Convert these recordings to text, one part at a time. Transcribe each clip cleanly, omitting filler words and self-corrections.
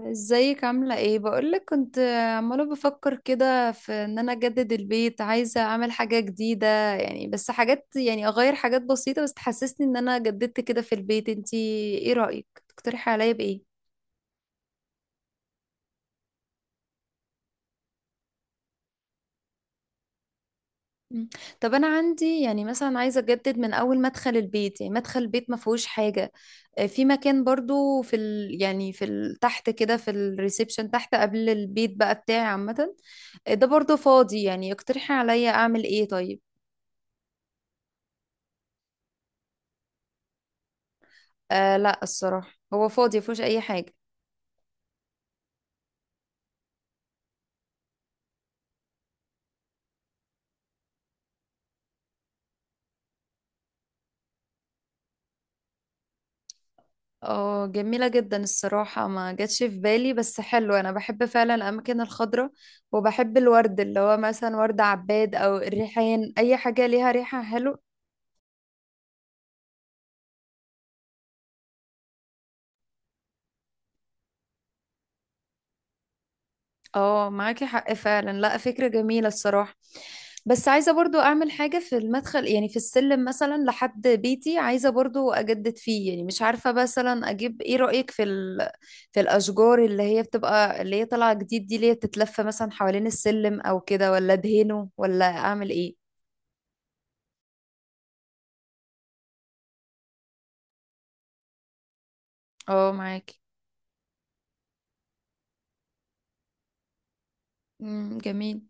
ازيك؟ عاملة ايه؟ بقولك كنت عمالة بفكر كده في ان انا اجدد البيت، عايزة اعمل حاجة جديدة يعني. بس حاجات يعني اغير حاجات بسيطة بس تحسسني ان انا جددت كده في البيت. انتي ايه رأيك؟ تقترحي عليا بايه؟ مم. طب انا عندي يعني مثلا عايزة اجدد من اول مدخل البيت، يعني مدخل البيت ما فيهوش حاجة. في مكان برضو في ال تحت كده، في الريسبشن تحت قبل البيت بقى بتاعي عامة. ده برضو فاضي، يعني اقترحي عليا اعمل ايه طيب. آه لا، الصراحة هو فاضي مفيهوش أي حاجة. اه جميلة جدا الصراحة، ما جاتش في بالي بس حلو. أنا بحب فعلا الأماكن الخضراء، وبحب الورد اللي هو مثلا ورد عباد أو الريحان، أي حاجة ليها ريحة حلوة. اه معاكي حق فعلا. لا، فكرة جميلة الصراحة. بس عايزة برضو اعمل حاجة في المدخل، يعني في السلم مثلا لحد بيتي عايزة برضو اجدد فيه. يعني مش عارفة مثلا اجيب ايه، رأيك في الاشجار اللي هي طالعة جديد دي، اللي هي بتتلف مثلا حوالين السلم او كده، ولا ادهنه ولا اعمل ايه؟ اه معاكي. جميل.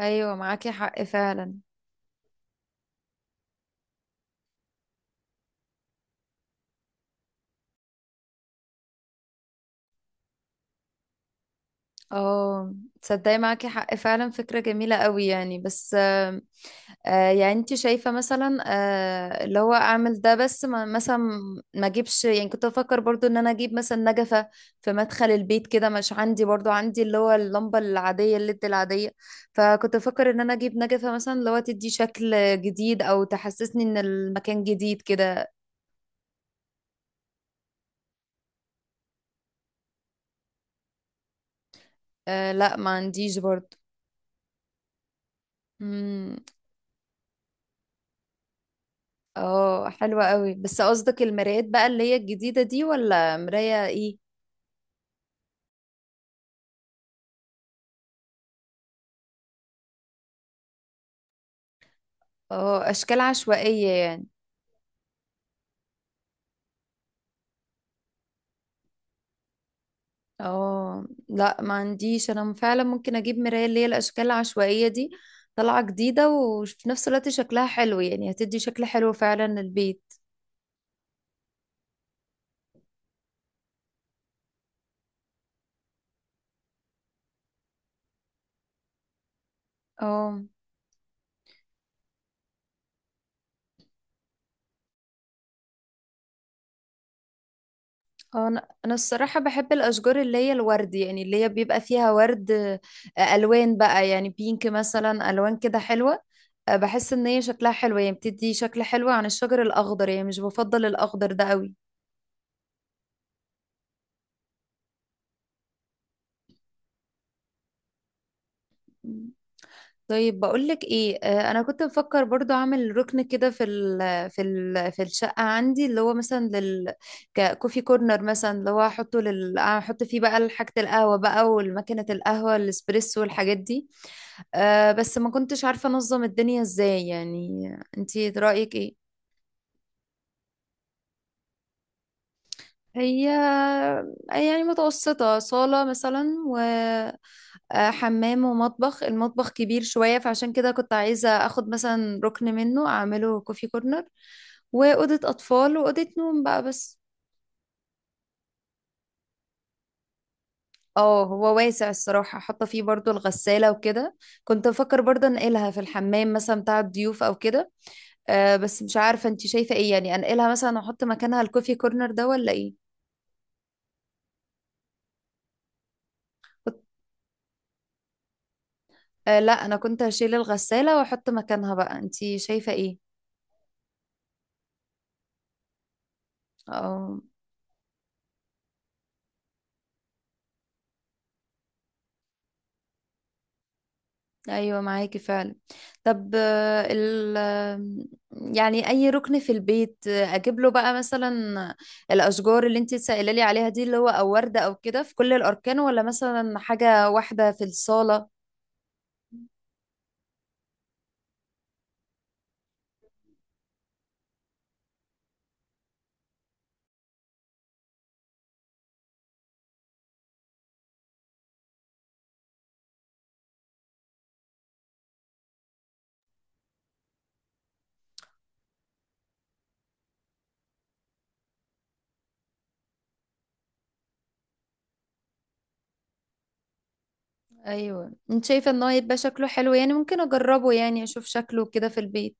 ايوه معاكي حق فعلا. اه، تصدقي معاكي حق فعلا، فكرة جميلة قوي يعني. بس يعني انت شايفة مثلا، اللي هو اعمل ده بس ما مثلا، ما اجيبش. يعني كنت بفكر برضو ان انا اجيب مثلا نجفة في مدخل البيت كده. مش عندي، برضو عندي اللي هو اللمبة العادية، الليد العادية. فكنت بفكر ان انا اجيب نجفة مثلا، اللي هو تدي شكل جديد او تحسسني ان المكان جديد كده. أه لا، ما عنديش برضو. امم. اه حلوة قوي، بس قصدك المرايات بقى اللي هي الجديدة دي ولا مراية ايه؟ اه، اشكال عشوائية يعني. اه لا، ما عنديش انا فعلا. ممكن اجيب مراية اللي هي الاشكال العشوائية دي، طالعة جديدة وفي نفس الوقت شكلها حلو، يعني هتدي شكل حلو فعلا للبيت. اه. اه، انا الصراحة بحب الاشجار اللي هي الورد، يعني اللي هي بيبقى فيها ورد. الوان بقى، يعني بينك مثلا الوان كده حلوة. بحس ان هي شكلها حلو، يعني بتدي شكل حلو عن الشجر الاخضر، يعني مش بفضل الاخضر ده قوي. طيب بقولك ايه، انا كنت بفكر برضو اعمل ركن كده في ال في ال في الشقه عندي، اللي هو مثلا ككوفي كورنر مثلا، اللي هو احطه، احط فيه بقى حاجه القهوه بقى، والماكينه القهوه الاسبريسو، والحاجات دي. بس ما كنتش عارفه انظم الدنيا ازاي يعني. انتي رايك ايه؟ هي يعني متوسطه، صاله مثلا، حمام ومطبخ. المطبخ كبير شوية، فعشان كده كنت عايزة اخد مثلا ركن منه اعمله كوفي كورنر. وأوضة أطفال وأوضة نوم بقى بس. اه، هو واسع الصراحة، حاطة فيه برضو الغسالة وكده. كنت بفكر برضو انقلها في الحمام مثلا بتاع الضيوف او كده. بس مش عارفة انتي شايفة ايه، يعني انقلها مثلا احط مكانها الكوفي كورنر ده ولا ايه؟ كنت- آه لا، انا كنت هشيل الغسالة واحط مكانها بقى، انتي شايفة ايه؟ اه. ايوه معاكي فعلا. طب آه، ال آه، يعني اي ركن في البيت اجيب له بقى مثلا الاشجار اللي انت سائله لي عليها دي، اللي هو او ورده او كده، في كل الاركان ولا مثلا حاجه واحده في الصاله؟ ايوه، انت شايفه ان هو يبقى شكله حلو، يعني ممكن اجربه يعني اشوف شكله كده في البيت.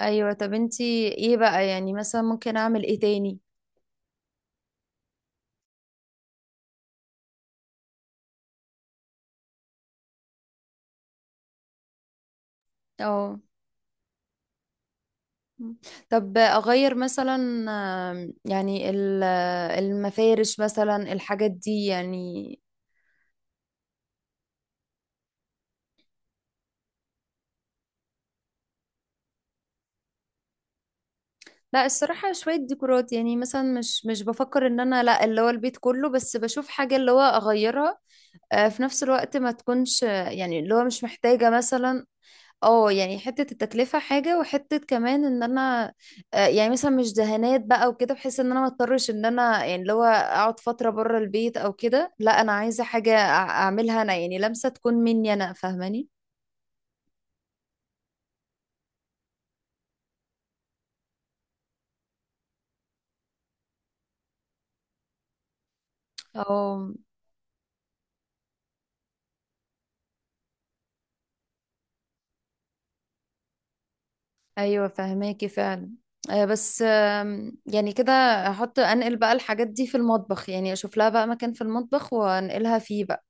ايوه. طب انت ايه بقى، يعني مثلا ممكن اعمل ايه تاني؟ اه. مم. طب اغير مثلا، يعني المفارش مثلا، الحاجات دي يعني. لا، الصراحة شوية ديكورات، يعني مثلا مش بفكر ان انا، لا اللي هو البيت كله، بس بشوف حاجة اللي هو اغيرها، في نفس الوقت ما تكونش، يعني اللي هو مش محتاجة مثلا. اه، يعني حتة التكلفة حاجة، وحتة كمان ان انا، يعني مثلا مش دهانات بقى وكده، بحيث ان انا ما اضطرش ان انا يعني اللي هو اقعد فترة بره البيت او كده. لا، انا عايزة حاجة اعملها انا، يعني لمسة تكون مني انا، فاهماني؟ اه. ايوه فاهماكي فعلا. بس يعني كده، انقل بقى الحاجات دي في المطبخ، يعني اشوف لها بقى مكان في المطبخ وانقلها فيه بقى.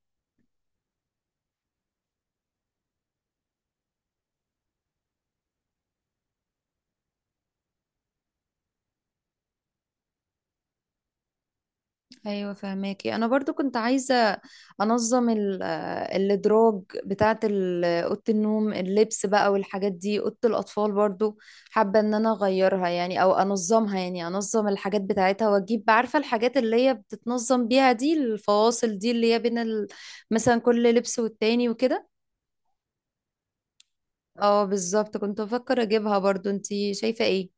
ايوه فهماكي. انا برضو كنت عايزه انظم الادراج بتاعه اوضه النوم، اللبس بقى والحاجات دي، اوضه الاطفال برضو. حابه ان انا اغيرها يعني او انظمها، يعني انظم الحاجات بتاعتها، واجيب عارفه الحاجات اللي هي بتتنظم بيها دي، الفواصل دي اللي هي بين مثلا كل لبس والتاني وكده. اه بالظبط، كنت بفكر اجيبها برضو، انتي شايفه ايه؟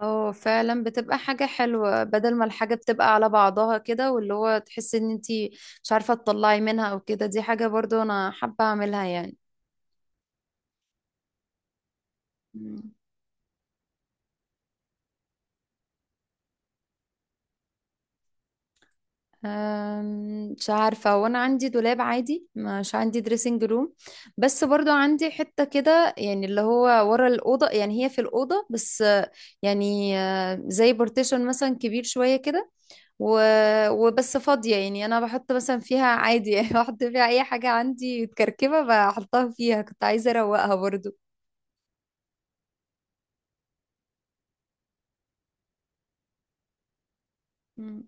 اه فعلا بتبقى حاجة حلوة، بدل ما الحاجة بتبقى على بعضها كده، واللي هو تحسي ان انتي مش عارفة تطلعي منها او كده. دي حاجة برضو انا حابة اعملها يعني. مم. مش عارفة، وانا عندي دولاب عادي، مش عندي دريسنج روم. بس برضو عندي حتة كده، يعني اللي هو ورا الأوضة، يعني هي في الأوضة بس، يعني زي بارتيشن مثلا كبير شوية كده، و... وبس فاضية يعني. أنا بحط مثلا فيها عادي يعني بحط فيها أي حاجة عندي متكركبة بحطها فيها، كنت عايزة أروقها برضو. مم.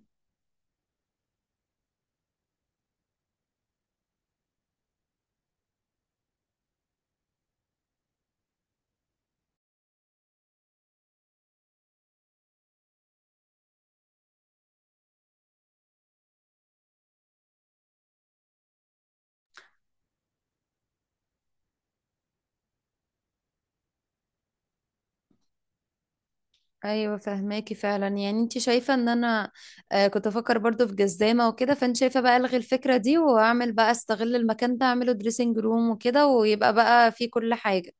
ايوه فهماكي فعلا، يعني انت شايفه ان انا كنت افكر برضو في جزامه وكده، فانت شايفه بقى الغي الفكره دي واعمل بقى استغل المكان ده اعمله دريسنج روم وكده، ويبقى بقى فيه كل حاجه.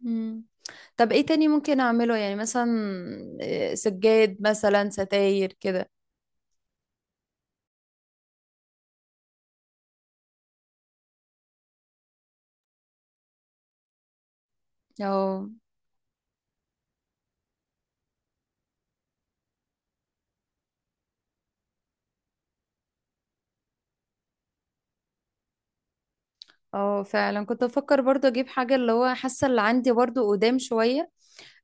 مم. طب ايه تاني ممكن اعمله، يعني مثلا سجاد مثلا، ستاير كده. أو. اه فعلا كنت بفكر برضو اجيب حاجة، اللي هو حاسة اللي عندي برضو قدام شوية،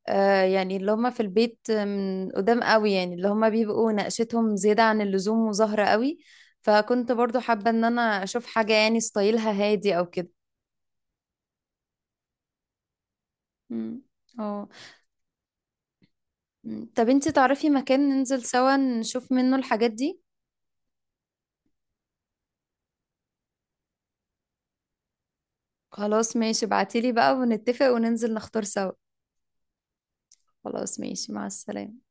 يعني اللي هما في البيت من قدام قوي، يعني اللي هما بيبقوا نقشتهم زيادة عن اللزوم وزهرة قوي. فكنت برضو حابة ان انا اشوف حاجة يعني ستايلها هادي او كده. مم. اه. مم. طب انتي تعرفي مكان ننزل سوا نشوف منه الحاجات دي؟ خلاص ماشي، ابعتيلي بقى ونتفق وننزل نختار سوا. خلاص ماشي، مع السلامة.